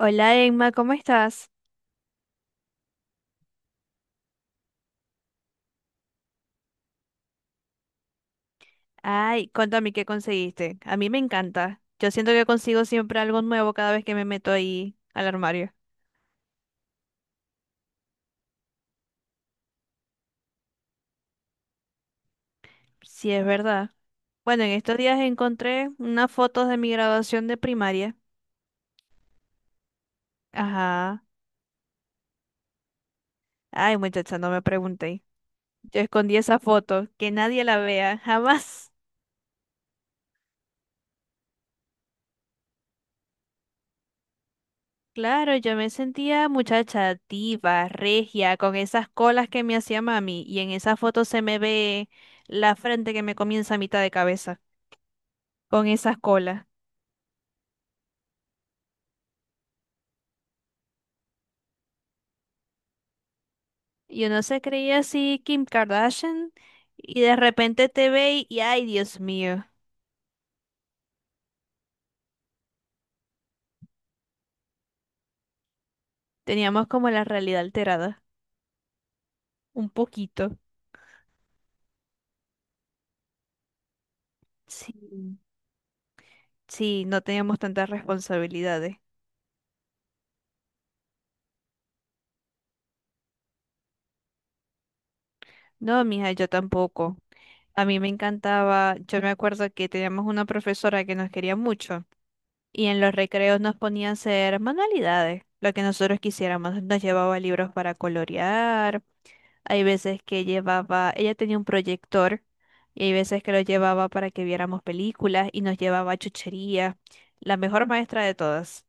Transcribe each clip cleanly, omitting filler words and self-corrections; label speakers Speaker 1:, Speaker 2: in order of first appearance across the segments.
Speaker 1: Hola Emma, ¿cómo estás? Ay, cuéntame qué conseguiste. A mí me encanta. Yo siento que consigo siempre algo nuevo cada vez que me meto ahí al armario. Sí, es verdad. Bueno, en estos días encontré unas fotos de mi graduación de primaria. Ajá. Ay, muchacha, no me pregunté. Yo escondí esa foto, que nadie la vea, jamás. Claro, yo me sentía muchacha diva, regia, con esas colas que me hacía mami, y en esa foto se me ve la frente que me comienza a mitad de cabeza, con esas colas. Y uno se creía así Kim Kardashian y de repente te ve y, ay, Dios mío, teníamos como la realidad alterada, un poquito. Sí, sí, no teníamos tantas responsabilidades. No, mija, yo tampoco. A mí me encantaba, yo me acuerdo que teníamos una profesora que nos quería mucho y en los recreos nos ponía a hacer manualidades, lo que nosotros quisiéramos. Nos llevaba libros para colorear. Hay veces que llevaba, ella tenía un proyector y hay veces que lo llevaba para que viéramos películas y nos llevaba a chuchería. La mejor maestra de todas.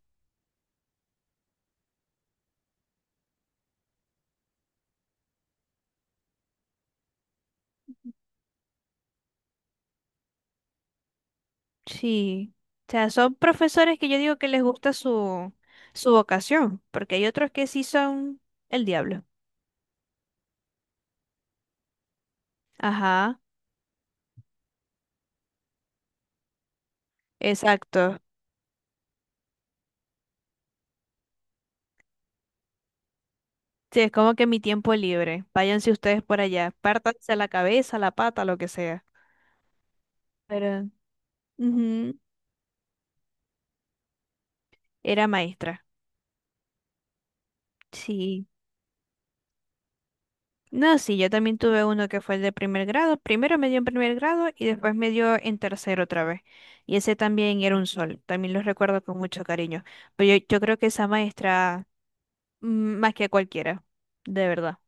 Speaker 1: Sí. O sea, son profesores que yo digo que les gusta su vocación, porque hay otros que sí son el diablo. Ajá, exacto. Sí, es como que mi tiempo libre. Váyanse ustedes por allá. Pártanse la cabeza, la pata, lo que sea. Pero ujú, era maestra. Sí. No, sí, yo también tuve uno que fue el de primer grado. Primero me dio en primer grado y después me dio en tercero otra vez. Y ese también era un sol. También lo recuerdo con mucho cariño. Pero yo creo que esa maestra, mm, más que cualquiera, de verdad.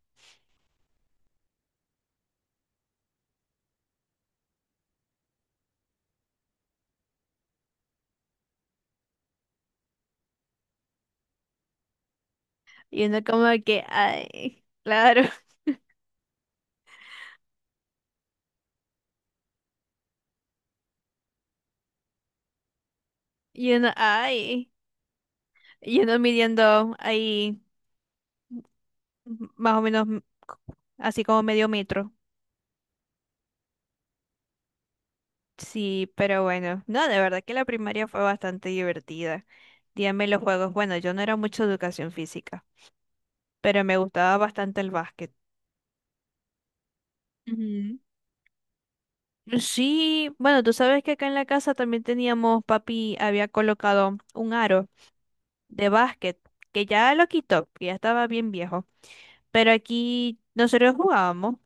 Speaker 1: Y uno como que, ay, claro. Y uno, ay. Y uno midiendo ahí más o menos así como medio metro. Sí, pero bueno. No, de verdad que la primaria fue bastante divertida. Dígame los juegos. Bueno, yo no era mucho de educación física, pero me gustaba bastante el básquet. Ujú. Sí, bueno, tú sabes que acá en la casa también teníamos, papi había colocado un aro de básquet, que ya lo quitó, que ya estaba bien viejo, pero aquí nosotros jugábamos,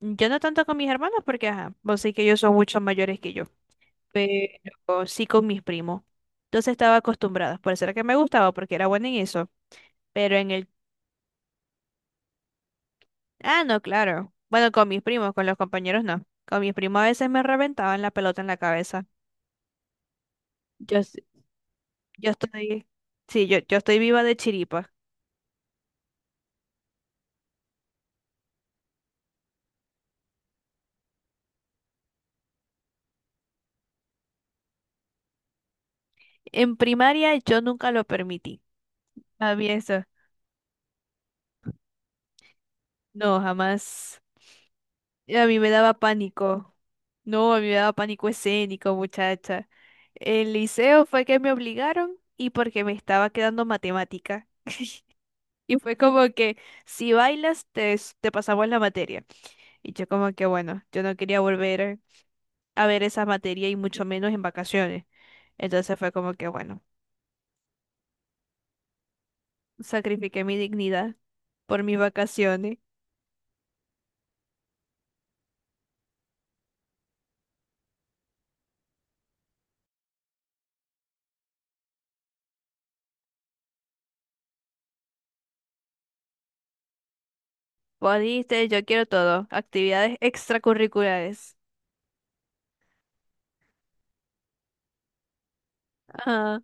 Speaker 1: yo no tanto con mis hermanos porque, ajá, vos sé que ellos son mucho mayores que yo, pero sí con mis primos. Entonces estaba acostumbrada, por eso era que me gustaba, porque era buena en eso, pero en el... Ah, no, claro. Bueno, con mis primos, con los compañeros no. Con mis primos a veces me reventaban la pelota en la cabeza. Yo, s- yo estoy, sí, yo estoy viva de chiripa. En primaria yo nunca lo permití. A mí eso, no, jamás. A mí me daba pánico. No, a mí me daba pánico escénico, muchacha. El liceo fue que me obligaron y porque me estaba quedando matemática. Y fue como que si bailas te pasamos la materia. Y yo como que bueno, yo no quería volver a ver esa materia y mucho menos en vacaciones. Entonces fue como que bueno. Sacrifiqué mi dignidad por mis vacaciones. Vos dijiste, yo quiero todo. Actividades extracurriculares. Ajá.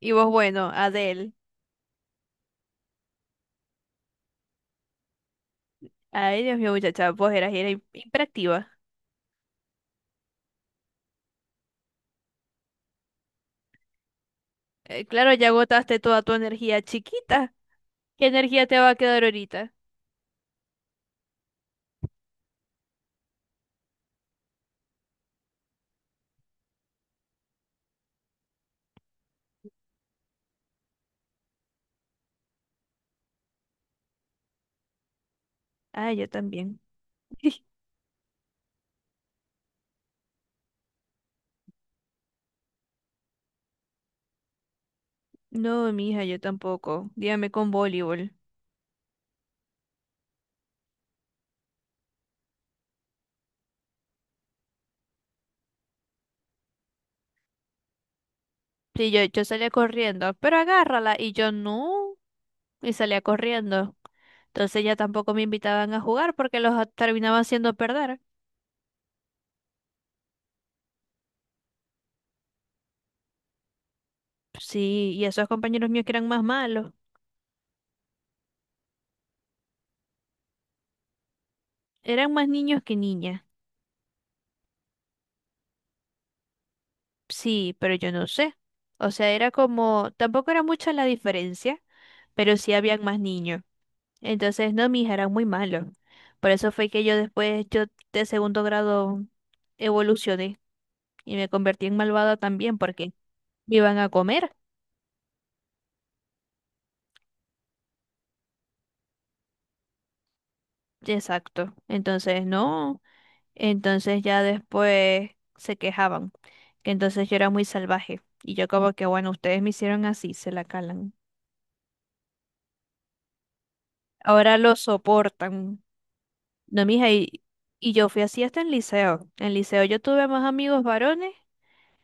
Speaker 1: Y vos, bueno, Adel. Ay, Dios mío, muchacha, hiperactiva. Claro, ya agotaste toda tu energía chiquita. ¿Qué energía te va a quedar ahorita? Ah, yo también. No, mija, yo tampoco. Dígame con voleibol. Sí, yo salía corriendo, pero agárrala. Y yo no. Y salía corriendo. Entonces ya tampoco me invitaban a jugar porque terminaban haciendo perder. Sí, y esos compañeros míos que eran más malos, eran más niños que niñas. Sí, pero yo no sé. O sea, era como, tampoco era mucha la diferencia, pero sí habían más niños. Entonces, no, mis eran muy malos. Por eso fue que yo después, yo de segundo grado evolucioné y me convertí en malvada también porque me iban a comer. Exacto. Entonces, no. Entonces ya después se quejaban, que entonces yo era muy salvaje. Y yo como que, bueno, ustedes me hicieron así, se la calan. Ahora lo soportan. No, mija, y yo fui así hasta en liceo. En liceo yo tuve más amigos varones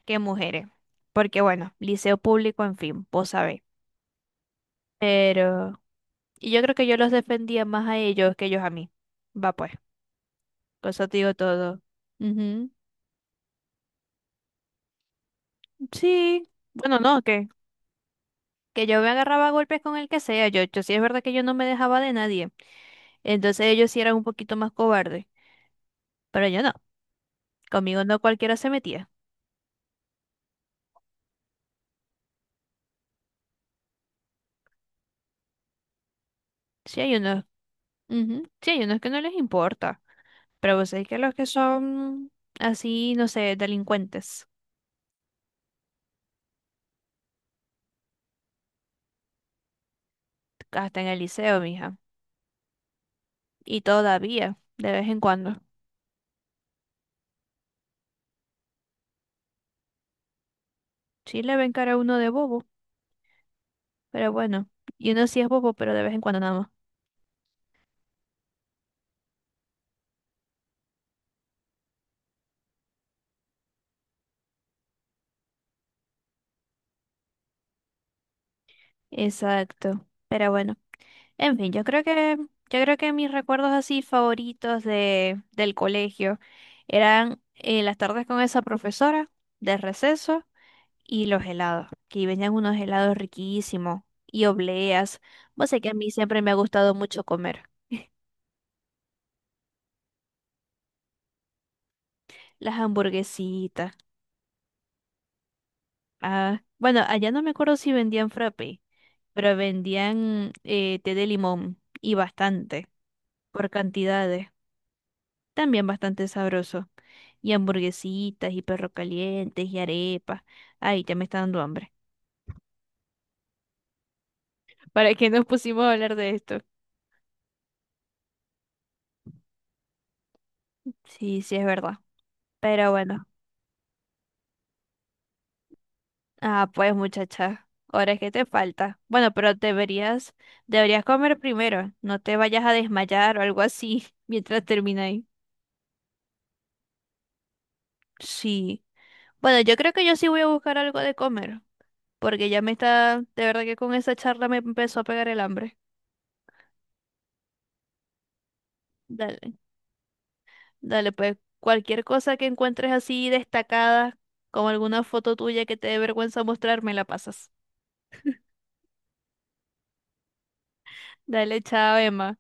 Speaker 1: que mujeres. Porque bueno, liceo público, en fin, vos sabés. Pero, y yo creo que yo los defendía más a ellos que ellos a mí. Va pues, con eso te digo todo. Ujú. Sí, bueno, no, que yo me agarraba a golpes con el que sea. Yo sí es verdad que yo no me dejaba de nadie. Entonces ellos sí eran un poquito más cobardes. Pero yo no, conmigo no cualquiera se metía. Sí hay unos, ujú, sí hay unos que no les importa, pero vos sabés que los que son así, no sé, delincuentes, hasta en el liceo, mija, y todavía, de vez en cuando, sí le ven cara a uno de bobo, pero bueno, y uno sí es bobo, pero de vez en cuando nada más. Exacto, pero bueno, en fin, yo creo que mis recuerdos así favoritos del colegio eran las tardes con esa profesora de receso. Y los helados, que venían unos helados riquísimos y obleas. Vos sé que a mí siempre me ha gustado mucho comer. Las hamburguesitas. Ah, bueno, allá no me acuerdo si vendían frappe, pero vendían té de limón y bastante, por cantidades. También bastante sabroso. Y hamburguesitas y perro calientes y arepas. Ay, ya me está dando hambre. ¿Para qué nos pusimos a hablar de esto? Sí, sí, es verdad. Pero bueno. Ah, pues muchacha, ahora es que te falta. Bueno, pero deberías comer primero. No te vayas a desmayar o algo así mientras termináis. Sí. Bueno, yo creo que yo sí voy a buscar algo de comer, porque ya me está, de verdad que con esa charla me empezó a pegar el hambre. Dale, dale, pues cualquier cosa que encuentres así destacada, como alguna foto tuya que te dé vergüenza mostrar, me la pasas. Dale, chao, Emma.